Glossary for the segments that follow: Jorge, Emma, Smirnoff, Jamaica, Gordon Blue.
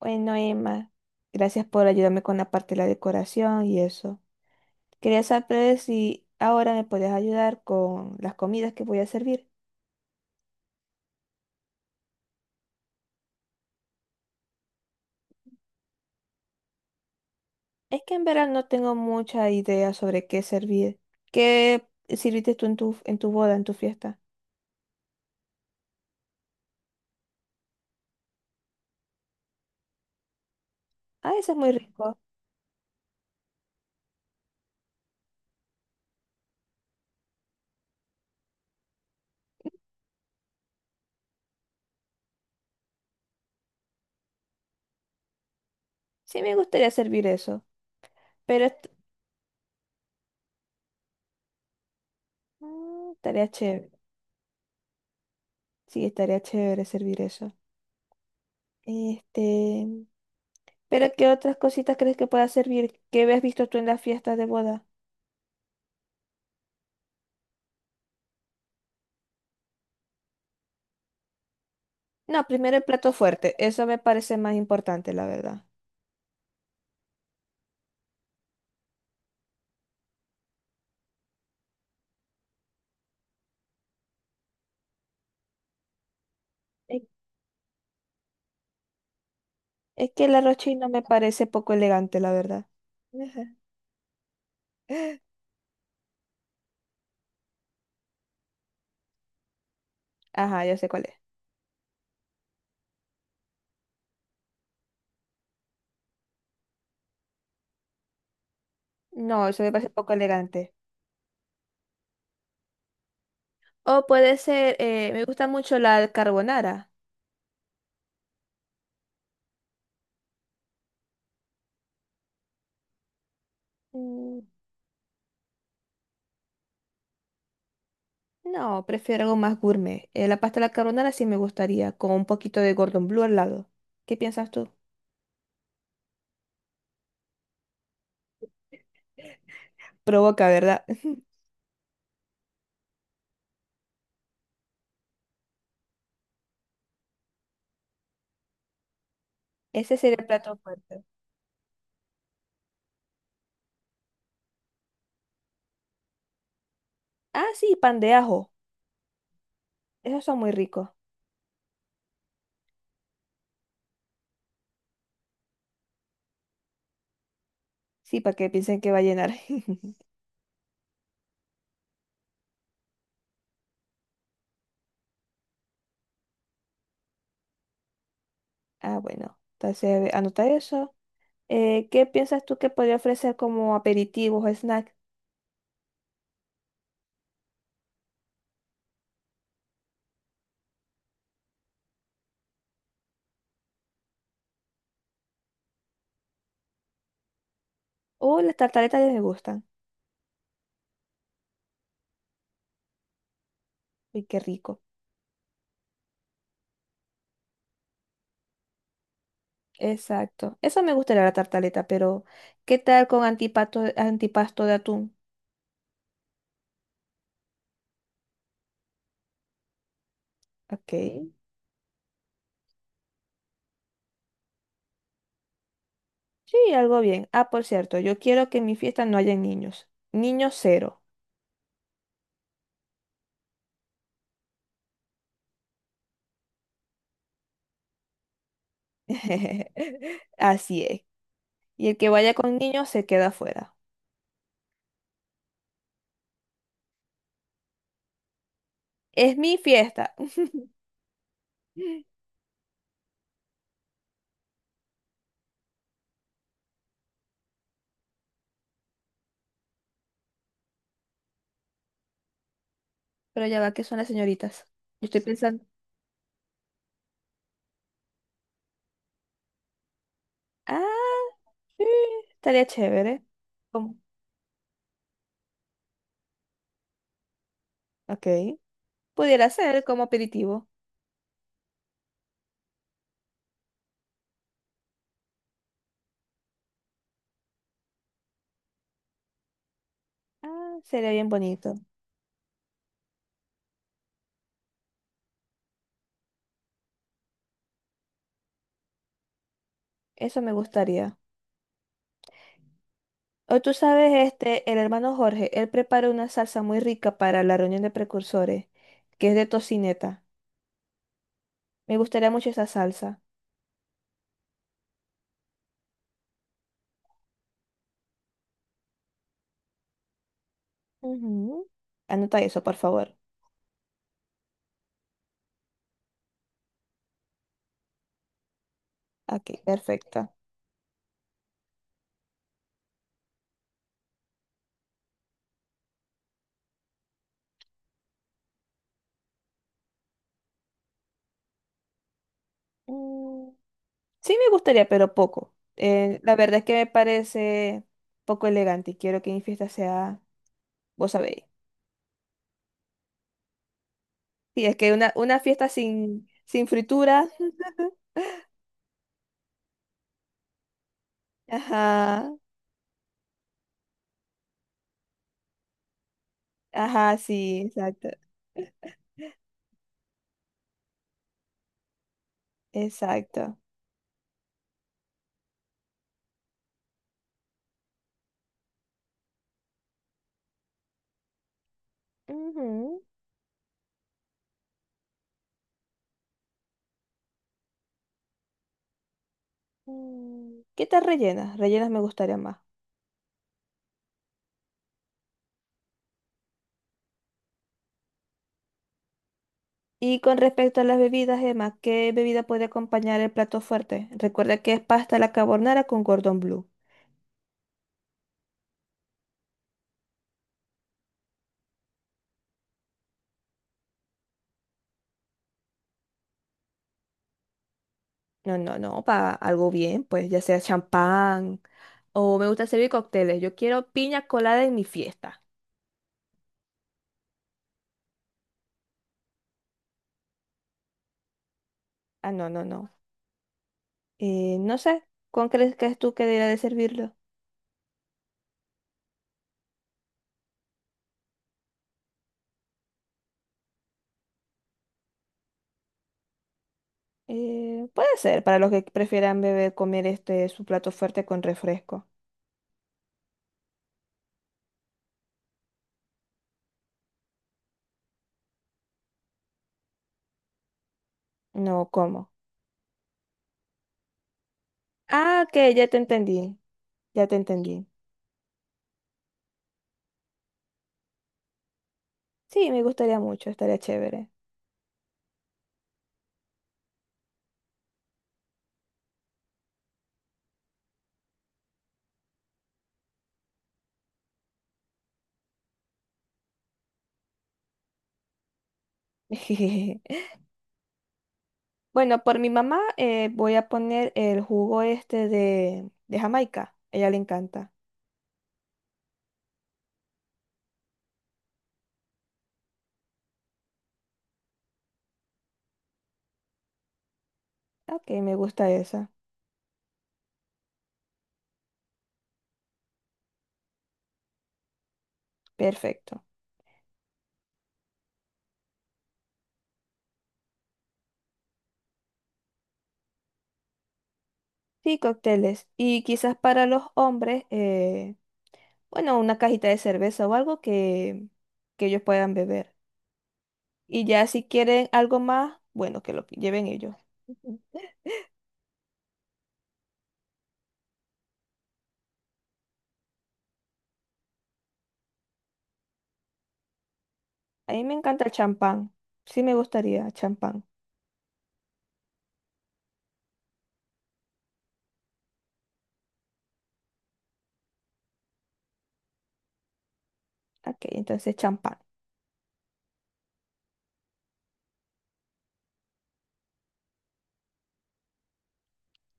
Bueno, Emma, gracias por ayudarme con la parte de la decoración y eso. Quería saber si ahora me puedes ayudar con las comidas que voy a servir. Es que en verdad no tengo mucha idea sobre qué servir. ¿Qué sirviste tú en tu boda, en tu fiesta? Ah, eso es muy rico. Sí, me gustaría servir eso, pero estaría chévere. Sí, estaría chévere servir eso. Este, pero ¿qué otras cositas crees que pueda servir? ¿Qué habías visto tú en las fiestas de boda? No, primero el plato fuerte. Eso me parece más importante, la verdad. Es, es que el arroz chino me parece poco elegante, la verdad. Ajá, yo sé cuál es. No, eso me parece poco elegante. O puede ser, me gusta mucho la carbonara. Mm, No, prefiero algo más gourmet. La pasta de la carbonara sí me gustaría, con un poquito de Gordon Blue al lado. ¿Qué piensas tú? Provoca, ¿verdad? Ese sería el plato fuerte. Ah, sí, pan de ajo. Esos son muy ricos. Sí, para que piensen que va a llenar. Ah, bueno, entonces a anota eso. ¿Qué piensas tú que podría ofrecer como aperitivos o snack? Las tartaletas ya me gustan. Uy, qué rico. Exacto. Eso me gustaría la tartaleta, pero ¿qué tal con antipasto, antipasto de atún? Ok. Sí, algo bien. Ah, por cierto, yo quiero que en mi fiesta no haya niños. Niños cero. Así es. Y el que vaya con niños se queda afuera. Es mi fiesta. Pero ya va, ¿que son las señoritas? Yo estoy pensando. Ah. Sí, estaría chévere. Como- Ok. Pudiera ser como aperitivo. Ah, sería bien bonito. Eso me gustaría. O tú sabes, este, el hermano Jorge, él prepara una salsa muy rica para la reunión de precursores, que es de tocineta. Me gustaría mucho esa salsa. Ujú. Anota eso, por favor. Aquí, perfecto. Mm, Sí me gustaría, pero poco. La verdad es que me parece poco elegante y quiero que mi fiesta sea, vos sabéis. Sí, es que una fiesta sin fritura. Ajá, ajá, sí, exacto, exacto. Ujú. ¿Qué tal rellenas? Rellenas me gustaría más. Y con respecto a las bebidas, Emma, ¿qué bebida puede acompañar el plato fuerte? Recuerda que es pasta a la carbonara con cordón blue. No, no, no, para algo bien, pues ya sea champán o me gusta servir cócteles. Yo quiero piña colada en mi fiesta. Ah, no, no, no. No sé, ¿cuál crees que es tú que debería de servirlo? Puede ser, para los que prefieran beber, comer este su plato fuerte con refresco. No, ¿cómo? Ah, que ya te entendí, ya te entendí. Sí, me gustaría mucho, estaría chévere. Bueno, por mi mamá voy a poner el jugo este de Jamaica. A ella le encanta. Ok, me gusta esa. Perfecto. Sí, cócteles. Y quizás para los hombres, bueno, una cajita de cerveza o algo que ellos puedan beber. Y ya si quieren algo más, bueno, que lo lleven ellos. Ujú. A mí me encanta el champán. Sí me gustaría champán. Ok, entonces champán.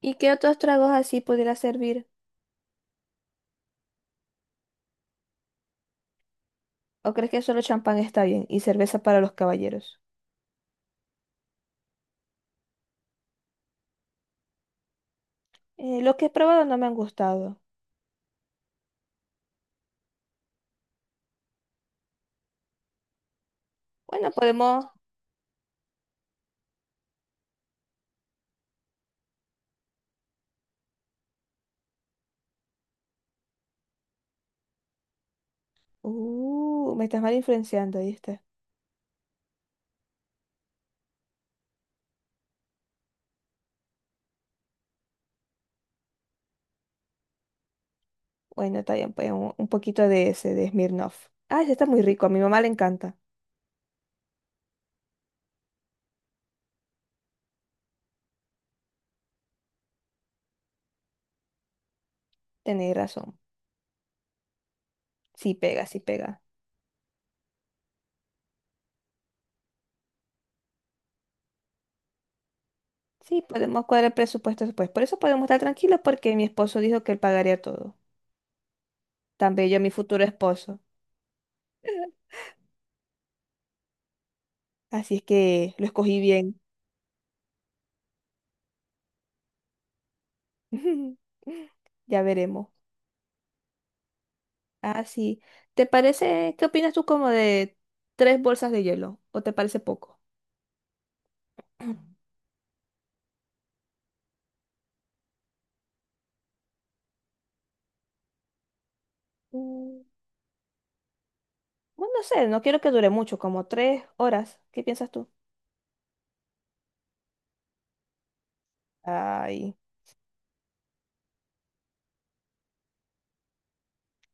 ¿Y qué otros tragos así pudiera servir? ¿O crees que solo champán está bien y cerveza para los caballeros? Los que he probado no me han gustado. Bueno, podemos... me estás mal influenciando, ¿viste? Bueno, está bien, pues un poquito de ese, de Smirnoff. Ah, ese está muy rico, a mi mamá le encanta. Tenéis razón. Sí pega, sí pega. Sí, podemos cuadrar presupuesto después. Por eso podemos estar tranquilos porque mi esposo dijo que él pagaría todo. Tan bello mi futuro esposo. Así es que lo escogí bien. Ya veremos. Ah, sí. ¿Te parece, qué opinas tú como de tres bolsas de hielo? ¿O te parece poco? Mm, Bueno, no sé, no quiero que dure mucho, como 3 horas. ¿Qué piensas tú? Ay,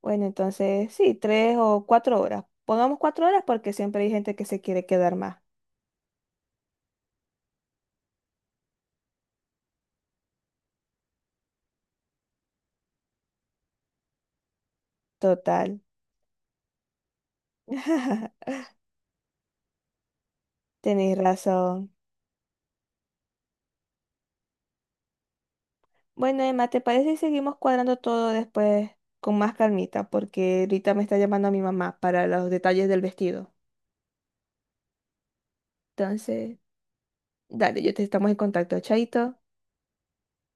bueno, entonces sí, 3 o 4 horas. Pongamos 4 horas porque siempre hay gente que se quiere quedar más. Total. Tenéis razón. Bueno, Emma, ¿te parece si seguimos cuadrando todo después con más calmita? Porque ahorita me está llamando a mi mamá para los detalles del vestido. Entonces, dale, yo te estamos en contacto. Chaito.